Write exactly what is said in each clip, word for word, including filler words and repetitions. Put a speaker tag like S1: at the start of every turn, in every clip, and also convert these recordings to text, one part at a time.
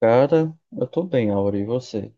S1: Cara, eu tô bem, Aura, e você?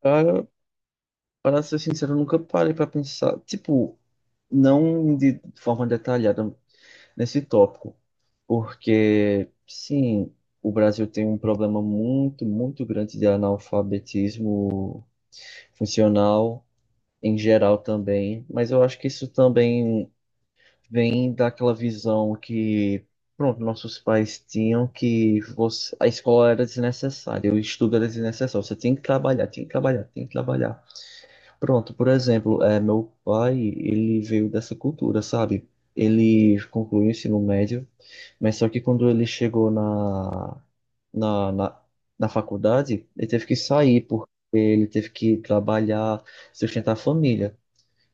S1: Cara, para ser sincero, eu nunca parei pra pensar, tipo, não de forma detalhada nesse tópico, porque, sim, o Brasil tem um problema muito, muito grande de analfabetismo funcional em geral também, mas eu acho que isso também vem daquela visão que, pronto, nossos pais tinham que você, a escola era desnecessária, o estudo era desnecessário, você tem que trabalhar, tem que trabalhar, tem que trabalhar. Pronto, por exemplo, é, meu pai, ele veio dessa cultura, sabe? Ele concluiu o ensino médio, mas só que quando ele chegou na, na, na, na faculdade, ele teve que sair, porque ele teve que trabalhar, sustentar a família.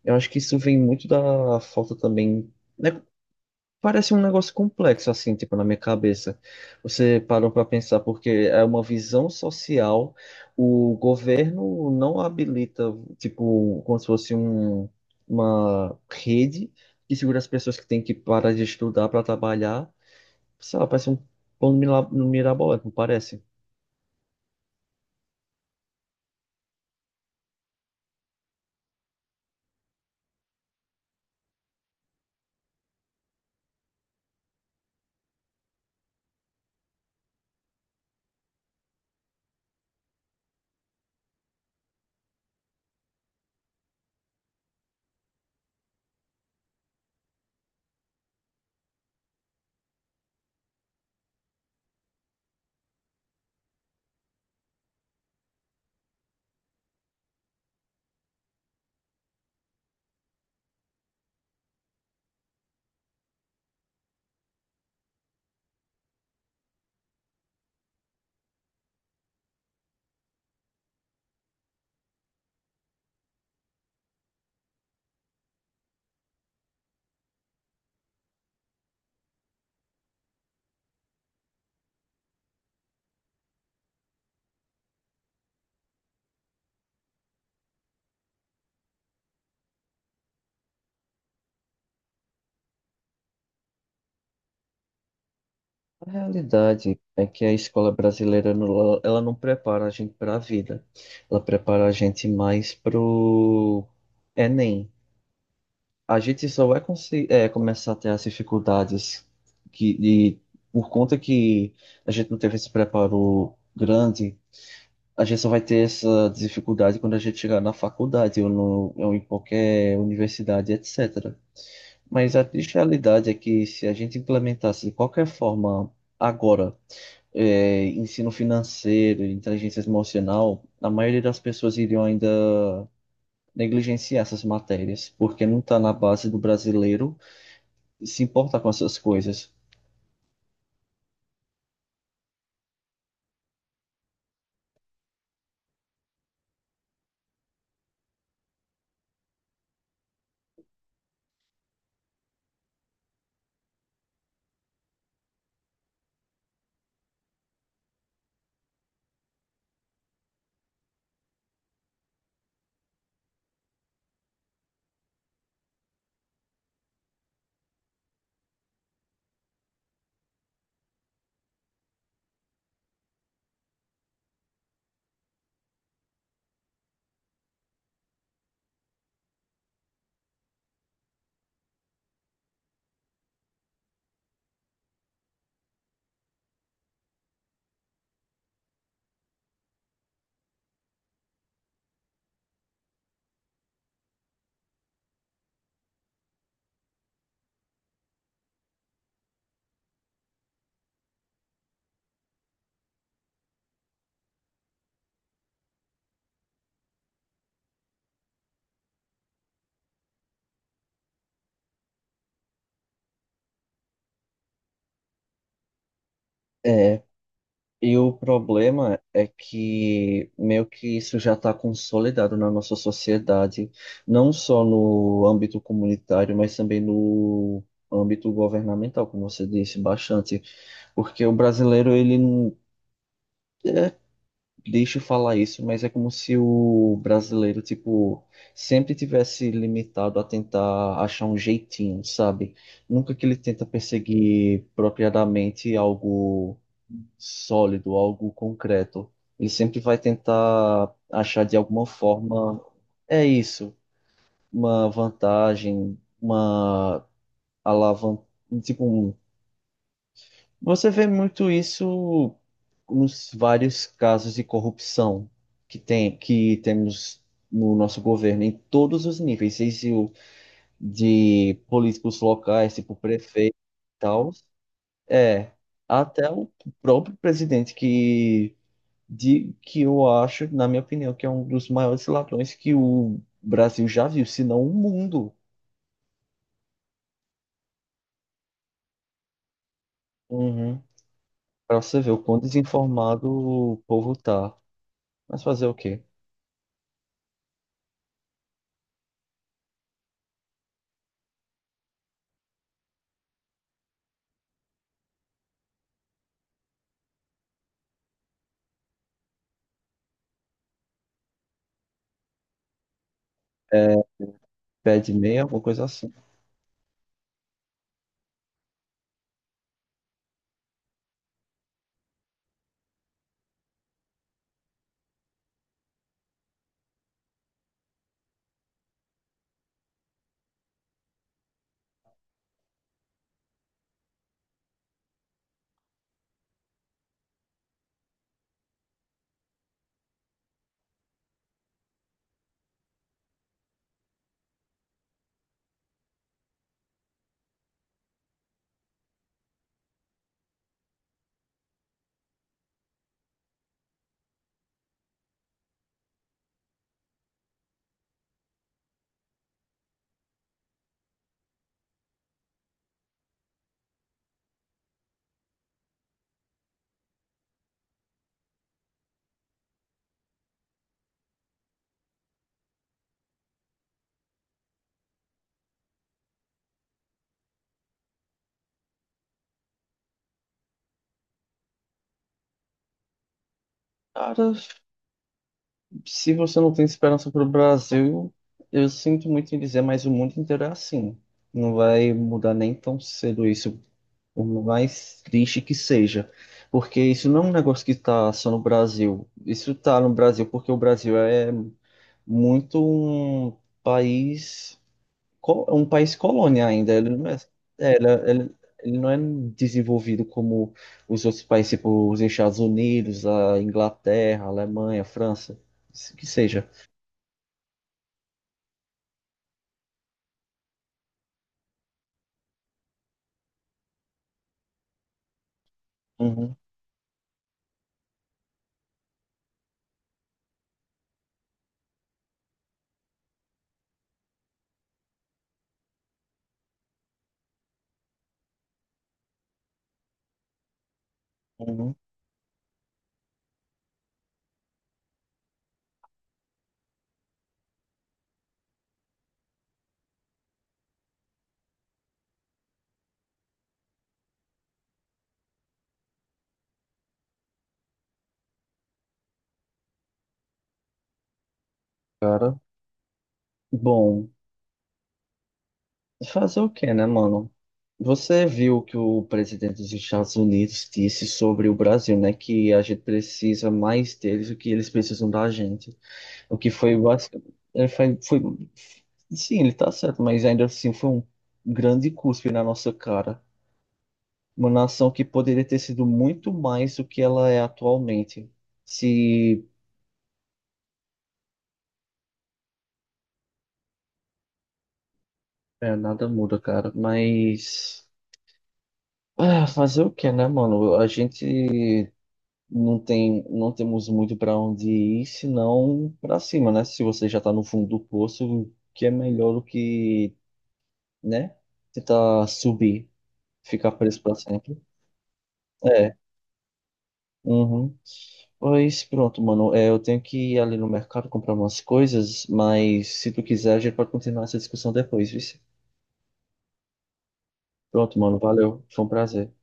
S1: Eu acho que isso vem muito da falta também, né? Parece um negócio complexo, assim, tipo, na minha cabeça. Você parou para pensar, porque é uma visão social, o governo não habilita, tipo, como se fosse um, uma rede que segura as pessoas que têm que parar de estudar para trabalhar. Sei lá, parece um plano mila- mirabolante, não parece? A realidade é que a escola brasileira não- ela não prepara a gente para a vida, ela prepara a gente mais pro Enem. A gente só vai consi- é, começar a ter as dificuldades que, de, por conta que a gente não teve esse preparo grande, a gente só vai ter essa dificuldade quando a gente chegar na faculdade ou, no, ou em qualquer universidade, etcétera. Mas a triste realidade é que se a gente implementasse de qualquer forma agora, é, ensino financeiro, inteligência emocional, a maioria das pessoas iriam ainda negligenciar essas matérias, porque não está na base do brasileiro se importa com essas coisas. É, e o problema é que meio que isso já está consolidado na nossa sociedade, não só no âmbito comunitário, mas também no âmbito governamental, como você disse, bastante. Porque o brasileiro, ele não. É, deixa eu falar isso, mas é como se o brasileiro, tipo, sempre tivesse limitado a tentar achar um jeitinho, sabe? Nunca que ele tenta perseguir propriamente algo sólido, algo concreto. Ele sempre vai tentar achar de alguma forma, é isso, uma vantagem, uma alavanca, tipo, um- você vê muito isso nos vários casos de corrupção que tem, que temos no nosso governo, em todos os níveis, seja o de políticos locais, tipo prefeito e tal, é, até o próprio presidente que de que eu acho, na minha opinião, que é um dos maiores ladrões que o Brasil já viu, se não o mundo. Uhum. Para você ver o quão desinformado o povo tá. Mas fazer o quê? É, pede meia, alguma coisa assim. Cara, se você não tem esperança pro Brasil, eu sinto muito em dizer, mas o mundo inteiro é assim. Não vai mudar nem tão cedo isso, por mais triste que seja. Porque isso não é um negócio que tá só no Brasil. Isso tá no Brasil porque o Brasil é muito um país, co- um país colônia ainda. Ele não é, é, ele, é, ele- ele não é desenvolvido como os outros países, tipo os Estados Unidos, a Inglaterra, a Alemanha, a França, se- que seja. Uhum, uhum. Cara, bom, fazer o quê, né, mano? Você viu o que o presidente dos Estados Unidos disse sobre o Brasil, né? Que a gente precisa mais deles do que eles precisam da gente. O que foi basicamente. Foi, foi, sim, ele tá certo, mas ainda assim foi um grande cuspe na nossa cara. Uma nação que poderia ter sido muito mais do que ela é atualmente. Se. É, nada muda, cara. Mas. Ah, fazer o que, né, mano? A gente não tem, não temos muito pra onde ir, senão pra cima, né? Se você já tá no fundo do poço, o que é melhor do que, né? Tentar subir, ficar preso pra sempre. É, uhum. Pois pronto, mano. É, eu tenho que ir ali no mercado comprar umas coisas, mas se tu quiser, a gente pode continuar essa discussão depois, viu? Pronto, mano. Valeu. Foi um prazer.